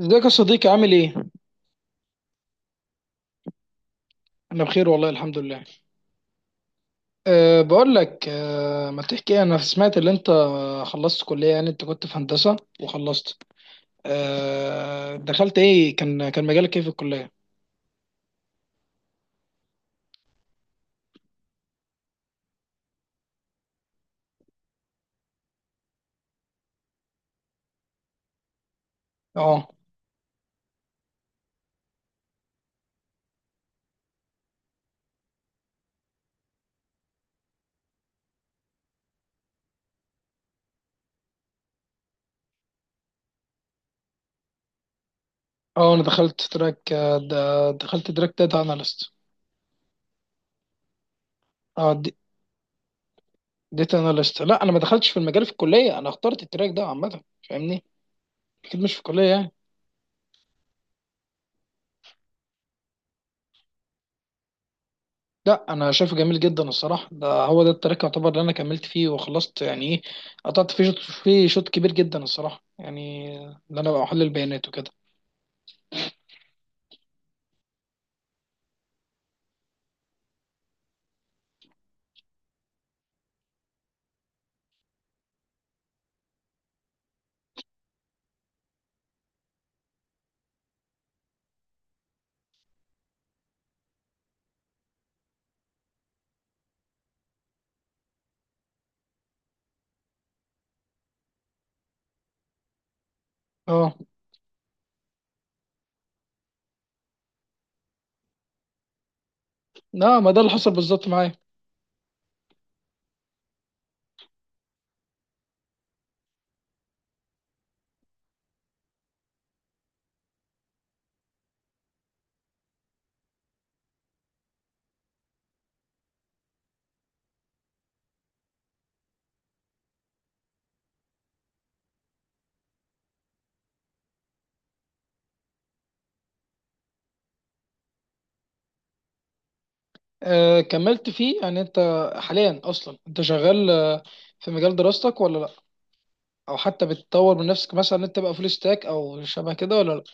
ازيك يا صديقي عامل ايه؟ انا بخير والله الحمد لله. بقول لك ما تحكي انا سمعت ان انت خلصت كلية، يعني انت كنت في هندسة وخلصت. أه دخلت ايه؟ كان مجالك ايه في الكلية؟ اه اه انا دخلت تراك، دخلت تراك داتا اناليست. اه داتا اناليست. لا انا ما دخلتش في المجال في الكلية، انا اخترت التراك ده عامة. فاهمني؟ اكيد مش في الكلية يعني. لا انا شايفه جميل جدا الصراحه، ده هو ده التراك يعتبر اللي انا كملت فيه وخلصت، يعني ايه قطعت فيه شوط، فيه شوط كبير جدا الصراحه، يعني ان انا بقى احلل البيانات وكده. اه لا، ما ده اللي حصل بالظبط معايا. آه كملت فيه يعني انت حاليا اصلا انت شغال، في مجال دراستك ولا لا؟ او حتى بتطور من نفسك مثلا ان انت تبقى فول ستاك او شبه كده ولا لا؟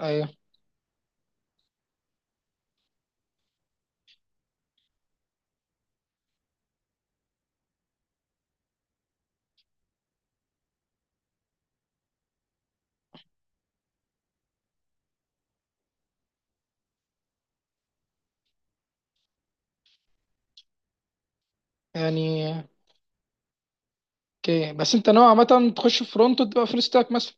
ايوه يعني اوكي، بس انت نوعا ما تخش فرونت وتبقى فول ستاك مثلا.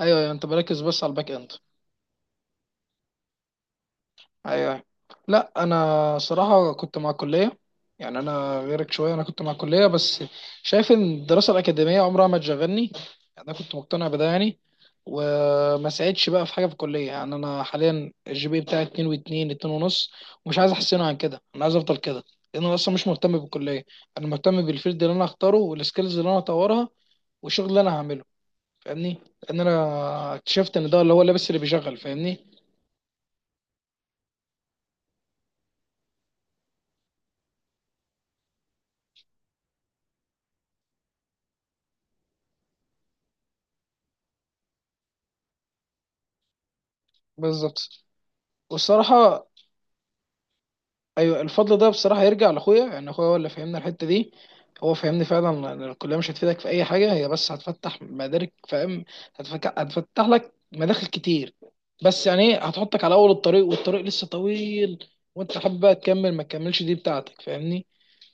ايوه أيوة، انت بركز بس على الباك اند. ايوه. لا انا صراحه كنت مع الكليه، يعني انا غيرك شويه، انا كنت مع الكليه. بس شايف ان الدراسه الاكاديميه عمرها ما تشغلني، يعني انا كنت مقتنع بده يعني، وما ساعدش بقى في حاجه في الكليه. يعني انا حاليا الجي بي بتاعي 2 و2 2 ونص، ومش عايز احسنه عن كده، انا عايز افضل كده، لان انا اصلا مش مهتم بالكليه. انا مهتم بالفيلد اللي انا هختاره، والسكيلز اللي انا هطورها، والشغل اللي انا هعمله. فاهمني؟ لان انا اكتشفت ان ده اللي هو اللبس اللي بيشغل. فاهمني؟ بالظبط. والصراحه ايوه، الفضل ده بصراحه يرجع لاخويا. يعني اخويا هو اللي فهمنا الحته دي. هو فهمني فعلا إن الكليه مش هتفيدك في اي حاجه، هي بس هتفتح مدارك، فاهم؟ هتفتح لك مداخل كتير. بس يعني ايه، هتحطك على اول الطريق والطريق لسه طويل، وانت حابب بقى تكمل ما تكملش، دي بتاعتك. فاهمني؟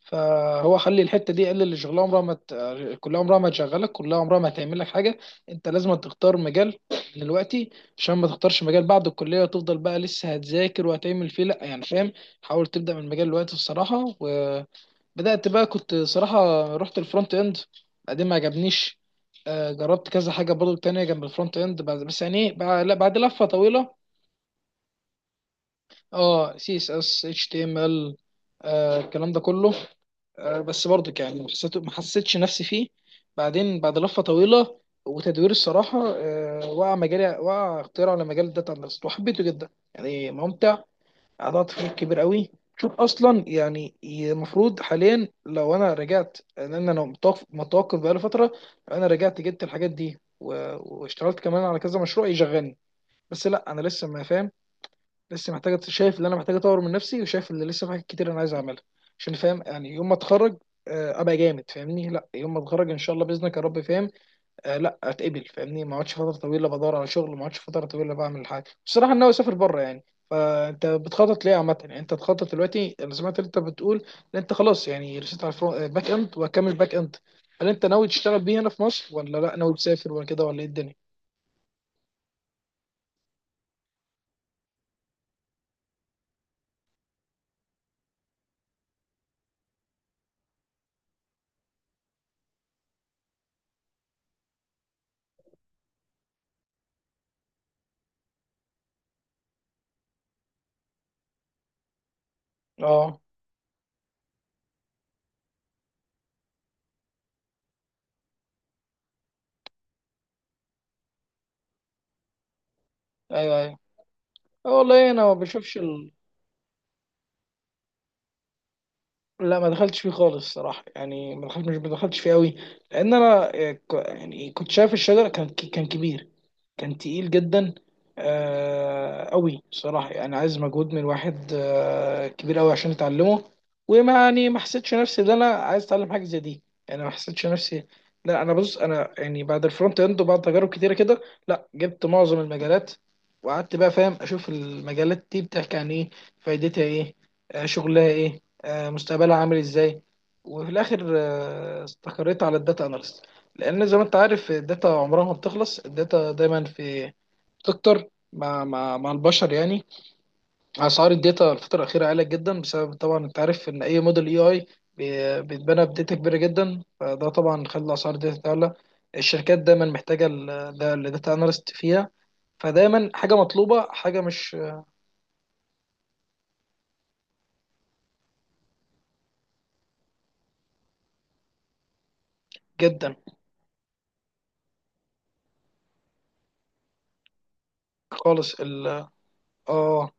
فهو خلي الحته دي، قال اللي شغلها عمرها ما ت... كلها عمرها ما تشغلك، كلها عمرها ما هتعمل لك حاجه. انت لازم تختار مجال دلوقتي، عشان ما تختارش مجال بعد الكليه وتفضل بقى لسه هتذاكر وهتعمل فيه، لا يعني. فاهم؟ حاول تبدا من مجال دلوقتي الصراحه. وبدات بقى، كنت صراحه رحت الفرونت اند، بعدين ما عجبنيش. جربت كذا حاجه برضو تانية جنب الفرونت اند بعد- بس يعني إيه، بع- لا، بعد لفه طويله. اه سي اس اس اتش تي ام ال، الكلام ده كله، بس برضك يعني ما حسيتش نفسي فيه. بعدين بعد لفة طويلة وتدوير الصراحة، وقع اختيار على مجال الداتا اناليست وحبيته جدا، يعني ممتع، قطعت فيه كبير قوي. شوف اصلا، يعني المفروض حاليا لو انا رجعت، لان انا متوقف بقالي فترة، لو انا رجعت جبت الحاجات دي و- واشتغلت كمان على كذا مشروع يشغلني. بس لا، انا لسه ما فاهم، لسه محتاجة. شايف اللي أنا محتاج أطور من نفسي، وشايف اللي لسه في حاجات كتير أنا عايز أعملها، عشان فاهم يعني يوم ما أتخرج، أبقى جامد. فاهمني؟ لا، يوم ما أتخرج إن شاء الله بإذنك يا رب، فاهم؟ لا أتقبل. فاهمني؟ ما أقعدش فترة طويلة بدور على شغل، ما أقعدش فترة طويلة بعمل حاجة. بصراحة أنا ناوي أسافر بره يعني. فأنت بتخطط ليه عامة؟ يعني أنت تخطط دلوقتي، أنا سمعت إن أنت بتقول إن أنت خلاص يعني رسيت على باك إند، وهكمل باك إند. هل أنت ناوي تشتغل بيه هنا في مصر، ولا لا ناوي تسافر، ولا كده، ولا إيه الدنيا؟ أه. أيوه أيوه. والله أنا ما بشوفش. لا ما دخلتش فيه خالص الصراحه، يعني ما دخلتش فيه قوي، لان انا يعني كنت شايف الشجره كان كبير، كان تقيل جدا، آه قوي صراحة، يعني عايز مجهود من واحد آه كبير قوي عشان اتعلمه. وما يعني ما حسيتش نفسي ان انا عايز اتعلم حاجة زي دي، يعني ما حسيتش نفسي. لا انا بص، انا يعني بعد الفرونت اند وبعد تجارب كتيرة كده، لا جبت معظم المجالات، وقعدت بقى فاهم اشوف المجالات دي بتحكي عن ايه، فايدتها ايه، آه شغلها ايه، آه مستقبلها عامل ازاي. وفي الاخر استقريت على الداتا اناليست، لان زي ما انت عارف الداتا عمرها ما بتخلص، الداتا دايما في، بتكتر مع مع البشر يعني. اسعار الداتا الفتره الاخيره عاليه جدا، بسبب طبعا انت عارف ان اي موديل، اي بيتبنى بداتا كبيره جدا، فده طبعا خلى اسعار الداتا تعلى. الشركات دايما محتاجه ال- ده الداتا اناليست فيها، فدايما حاجه مطلوبه، حاجه مش. جدا. خالص ال. اه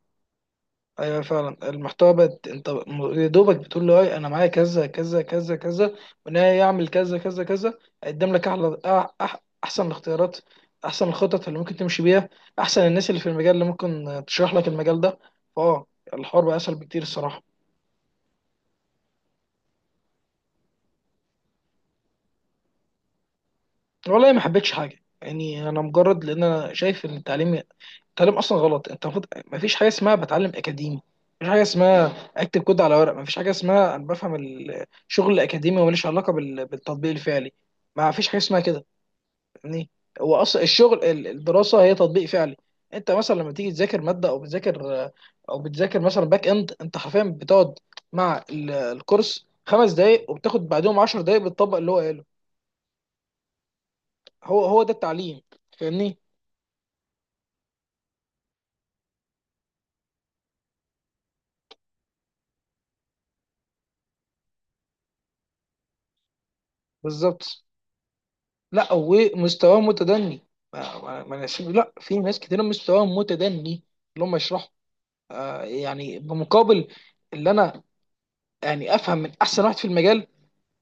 ايوه فعلا، المحتوى بقت، انت م- يا دوبك بتقول له اي انا معايا كذا كذا كذا كذا، وان هي يعمل كذا كذا كذا، هيقدم لك احلى أح أح احسن الاختيارات، احسن الخطط اللي ممكن تمشي بيها، احسن الناس اللي في المجال اللي ممكن تشرح لك المجال ده. فاه. الحوار بقى اسهل بكتير الصراحه. والله ما حبيتش حاجه، يعني انا مجرد، لان انا شايف ان التعليم، التعليم اصلا غلط. انت المفروض، ما فيش حاجه اسمها بتعلم اكاديمي، مفيش حاجه اسمها اكتب كود على ورق، مفيش حاجه اسمها انا بفهم الشغل الاكاديمي وماليش علاقه بال- بالتطبيق الفعلي. ما فيش حاجه اسمها كده يعني. هو اصلا الشغل ال- الدراسه هي تطبيق فعلي. انت مثلا لما تيجي تذاكر ماده، او بتذاكر مثلا باك اند، انت حرفيا بتقعد مع ال- الكورس خمس دقايق، وبتاخد بعدهم عشر دقايق بتطبق اللي هو قاله. هو ده التعليم. فاهمني؟ بالظبط. لا ومستواه متدني. ما ما- ما ناس- لا في ناس كتير مستواها متدني، اللي هم يشرحوا، آه يعني بمقابل، اللي انا يعني افهم من احسن واحد في المجال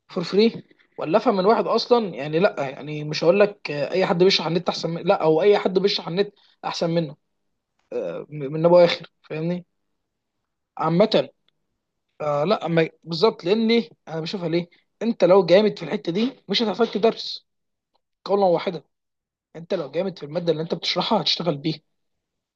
فور فري، ولا افهم من واحد اصلا، يعني لا يعني مش هقول لك، اي حد بيشرح على النت احسن من، لا، او اي حد بيشرح على النت احسن منه، من ابو اخر. فاهمني؟ عامه. آه لا أما- بالظبط. لان ليه؟ انا بشوفها ليه، انت لو جامد في الحته دي مش هتحتاج تدرس، قولا واحدا. انت لو جامد في الماده اللي انت بتشرحها هتشتغل بيها.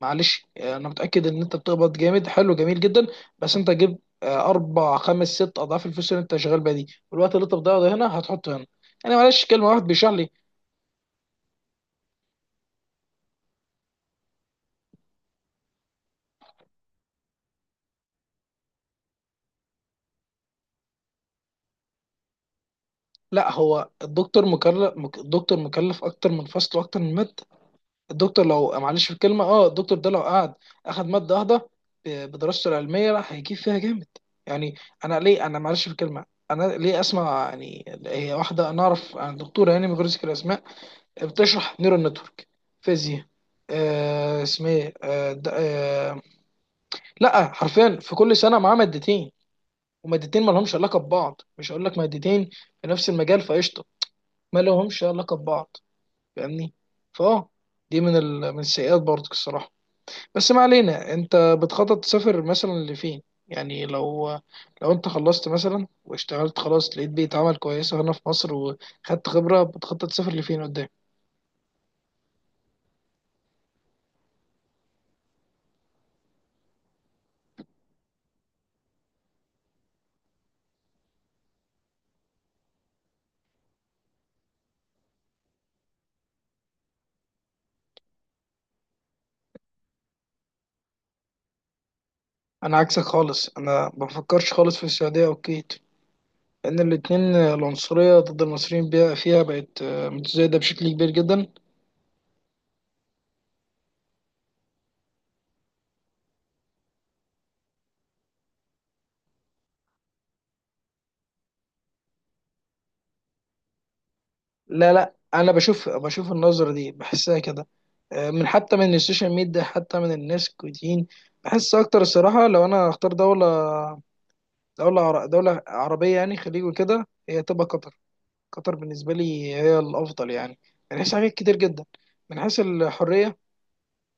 معلش انا متاكد ان انت بتقبض جامد، حلو جميل جدا، بس انت جيب اربع خمس ست اضعاف الفلوس اللي انت شغال بيها دي، والوقت اللي انت بتضيعه ده هنا هتحطه هنا. انا معلش كلمه، واحد بيشرح لي. لا هو الدكتور الدكتور مكلف اكتر من فصل واكتر من ماده. الدكتور لو معلش في الكلمه، اه الدكتور ده لو قعد اخد ماده واحده بدراسته العلميه، راح هيجيب فيها جامد يعني. انا ليه؟ انا معلش في الكلمه، انا ليه اسمع؟ يعني هي واحده، انا اعرف عن دكتوره يعني من غير ذكر اسماء، بتشرح نيورال نتورك، فيزياء، آه اسمها ايه لا حرفيا، في كل سنه معاه مادتين، ومادتين ما لهمش علاقه ببعض. مش هقول لك مادتين في نفس المجال فقشطه، ما لهمش علاقه ببعض. فاهمني؟ فاه. دي من ال... من السيئات برضك الصراحه. بس ما علينا، انت بتخطط تسافر مثلا لفين؟ يعني لو، لو انت خلصت مثلا واشتغلت خلاص، لقيت بيئة عمل كويسه هنا في مصر وخدت خبره، بتخطط تسافر لفين قدام؟ انا عكسك خالص، انا ما بفكرش خالص في السعوديه او الكويت، لان الاتنين العنصريه ضد المصريين فيها بقت متزايده بشكل كبير جدا. لا انا بشوف النظره دي، بحسها كده من، حتى من السوشيال ميديا، حتى من الناس الكويتيين بحس اكتر الصراحه. لو انا هختار دوله، دوله عربيه يعني خليج وكده، هي تبقى قطر. قطر بالنسبه لي هي الافضل يعني، من حيث حاجات كتير جدا، من حيث الحريه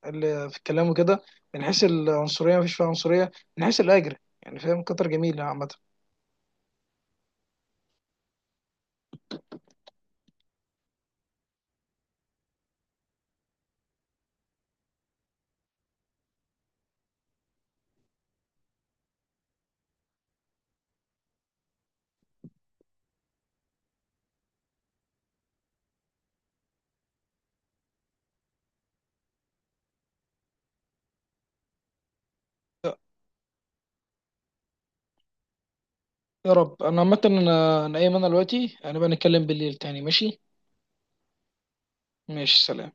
ال- في الكلام وكده، من حيث العنصريه مفيش فيها عنصريه، من حيث الاجر، يعني فاهم كتر جميله عامه. يا رب. انا عامه انا ايمن، دلوقتي انا بقى نتكلم بالليل تاني، ماشي؟ ماشي سلام.